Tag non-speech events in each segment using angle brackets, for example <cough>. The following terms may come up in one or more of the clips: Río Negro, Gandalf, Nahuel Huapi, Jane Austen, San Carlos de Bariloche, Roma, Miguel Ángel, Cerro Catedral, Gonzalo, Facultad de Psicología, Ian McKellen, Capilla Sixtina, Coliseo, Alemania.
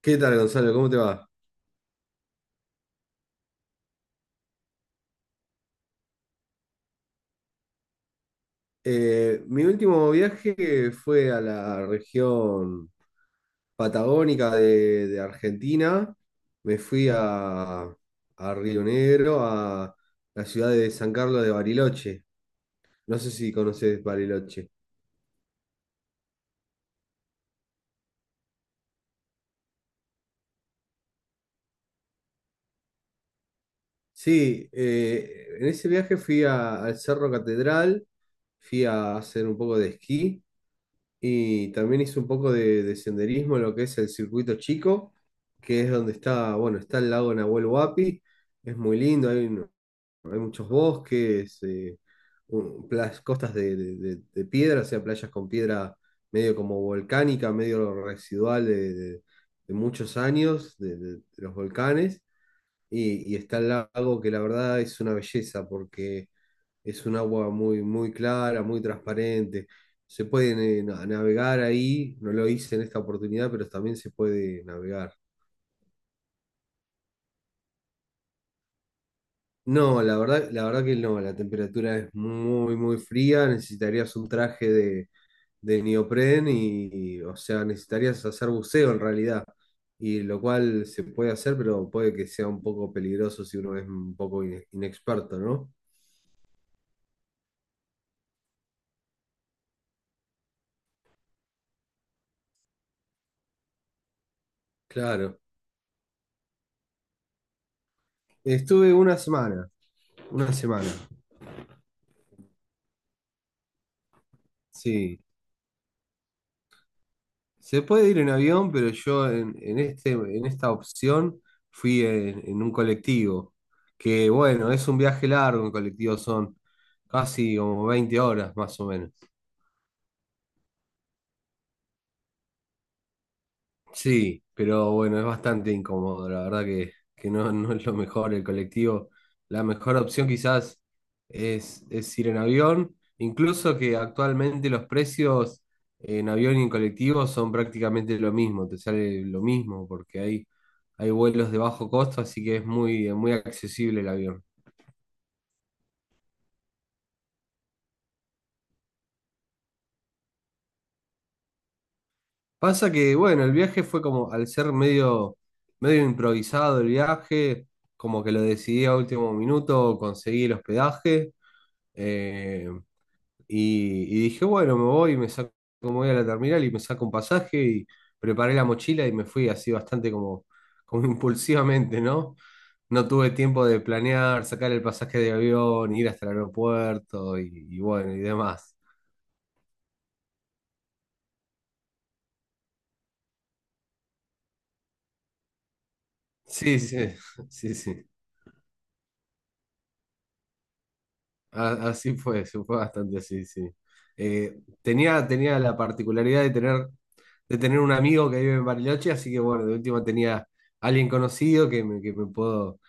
¿Qué tal, Gonzalo? ¿Cómo te va? Mi último viaje fue a la región patagónica de Argentina. Me fui a Río Negro, a la ciudad de San Carlos de Bariloche. No sé si conoces Bariloche. Sí, en ese viaje al Cerro Catedral, fui a hacer un poco de esquí. Y también hice un poco de senderismo en lo que es el circuito chico, que es donde está, bueno, está el lago Nahuel Huapi, es muy lindo, hay muchos bosques, costas de piedra, o sea, playas con piedra medio como volcánica, medio residual de muchos años de los volcanes, y está el lago que la verdad es una belleza, porque es un agua muy, muy clara, muy transparente. Se puede navegar ahí, no lo hice en esta oportunidad, pero también se puede navegar. No, la verdad que no, la temperatura es muy, muy fría, necesitarías un traje de neopren y, o sea, necesitarías hacer buceo en realidad, y lo cual se puede hacer, pero puede que sea un poco peligroso si uno es un poco inexperto, ¿no? Claro. Estuve una semana, sí. Se puede ir en avión, pero yo en esta opción fui en un colectivo, que bueno, es un viaje largo en colectivo, son casi como 20 horas más o menos. Sí, pero bueno, es bastante incómodo, la verdad que no, no es lo mejor el colectivo. La mejor opción quizás es ir en avión, incluso que actualmente los precios en avión y en colectivo son prácticamente lo mismo, te sale lo mismo porque hay vuelos de bajo costo, así que es muy, muy accesible el avión. Pasa que, bueno, el viaje fue como, al ser medio improvisado el viaje, como que lo decidí a último minuto, conseguí el hospedaje. Eh, y dije, bueno, me voy, me voy a la terminal y me saco un pasaje y preparé la mochila y me fui así bastante como, como <laughs> impulsivamente, ¿no? No tuve tiempo de planear, sacar el pasaje de avión, ir hasta el aeropuerto y bueno, y demás. Sí, sí, <laughs> sí, sí. Así fue, se fue bastante así, sí. Tenía la particularidad de tener un amigo que vive en Bariloche, así que bueno, de última tenía alguien conocido que me puedo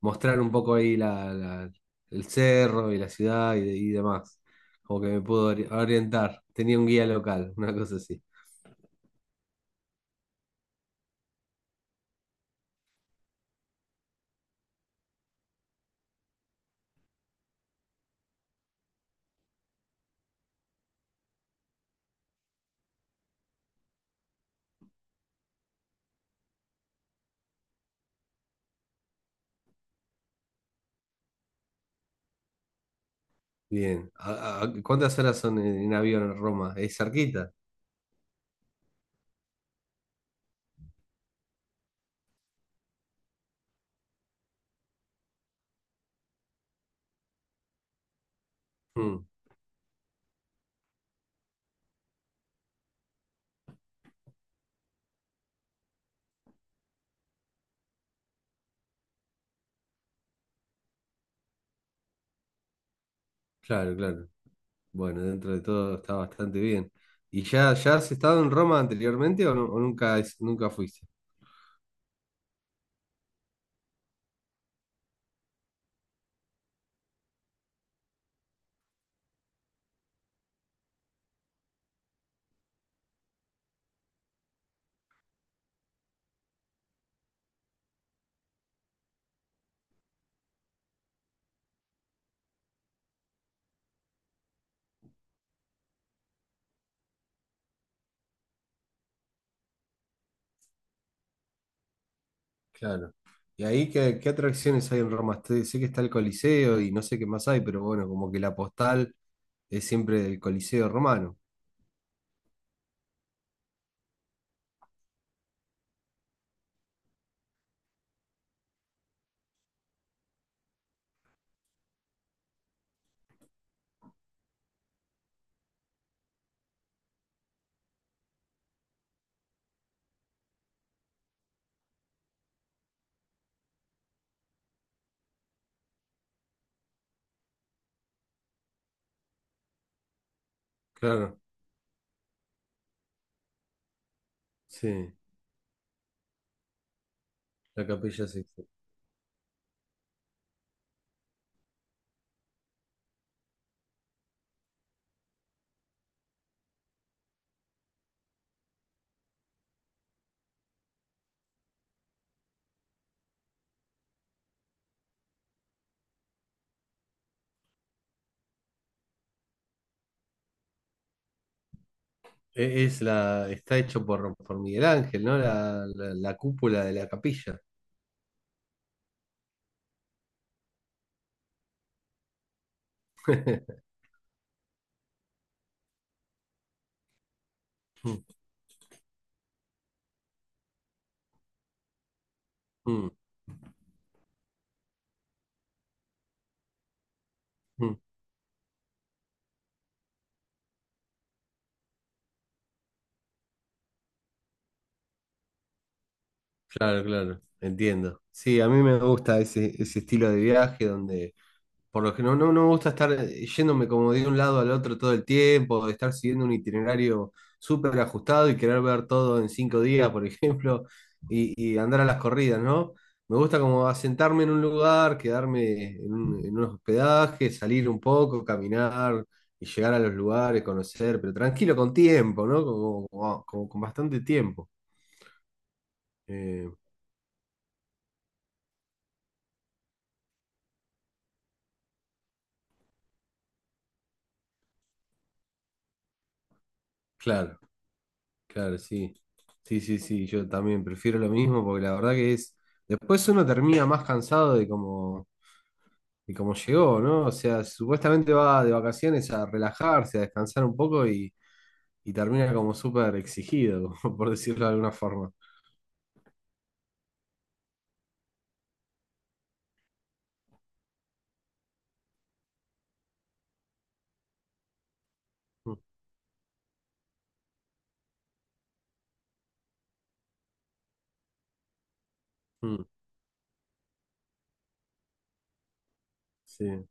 mostrar un poco ahí el cerro y la ciudad y demás. Como que me pudo orientar. Tenía un guía local, una cosa así. Bien. Cuántas horas son en avión a Roma? ¿Es cerquita? Mm, claro, claro. Bueno, dentro de todo está bastante bien. ¿Y ya, ya has estado en Roma anteriormente o, o nunca, nunca fuiste? Claro. ¿Y ahí qué, qué atracciones hay en Roma? Sé que está el Coliseo y no sé qué más hay, pero bueno, como que la postal es siempre el Coliseo romano. Claro. Sí, la Capilla Sixtina. Es la, está hecho por Miguel Ángel, ¿no? La cúpula de la capilla. <laughs> Mm, mm, mm. Claro, claro, entiendo. Sí, a mí me gusta ese, ese estilo de viaje donde. Por lo que no, no, no me gusta estar yéndome como de un lado al otro todo el tiempo, de estar siguiendo un itinerario súper ajustado y querer ver todo en 5 días, por <laughs> ejemplo, y andar a las corridas, ¿no? Me gusta como asentarme en un lugar, quedarme en unos hospedajes, salir un poco, caminar y llegar a los lugares, conocer, pero tranquilo con tiempo, ¿no? Como con bastante tiempo. Eh, claro. Claro, sí. Sí, sí, sí, yo también prefiero lo mismo porque la verdad que es, después uno termina más cansado de cómo llegó, ¿no? O sea, supuestamente va de vacaciones a relajarse, a descansar un poco y termina como súper exigido, <laughs> como por decirlo de alguna forma. Mm, mm, Sí,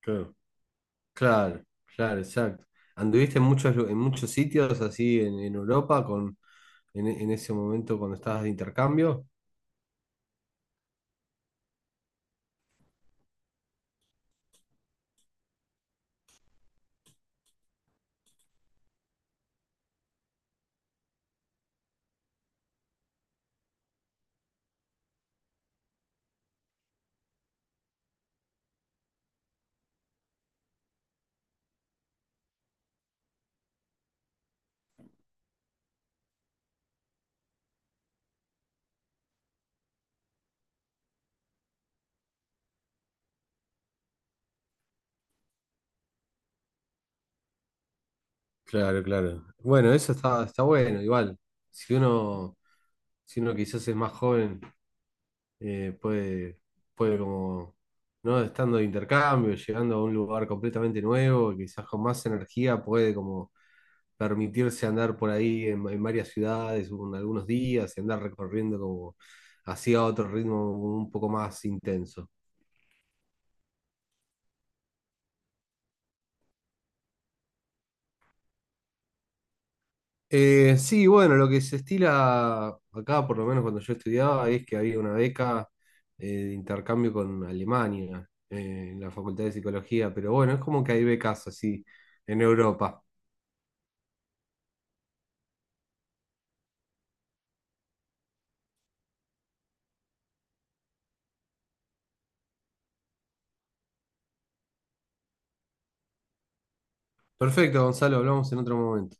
claro, claro, claro, exacto. ¿Anduviste en muchos, en muchos sitios así en Europa con, en ese momento cuando estabas de intercambio? Claro, claro. Bueno, eso está, está bueno, igual. Si uno, si uno quizás es más joven, eh, puede, puede como, ¿no? Estando de intercambio, llegando a un lugar completamente nuevo, y quizás con más energía puede como permitirse andar por ahí en varias ciudades, en algunos días, y andar recorriendo como hacia otro ritmo un poco más intenso. Sí, bueno, lo que se estila acá, por lo menos cuando yo estudiaba, es que había una beca de intercambio con Alemania en la Facultad de Psicología, pero bueno, es como que hay becas así en Europa. Perfecto, Gonzalo, hablamos en otro momento.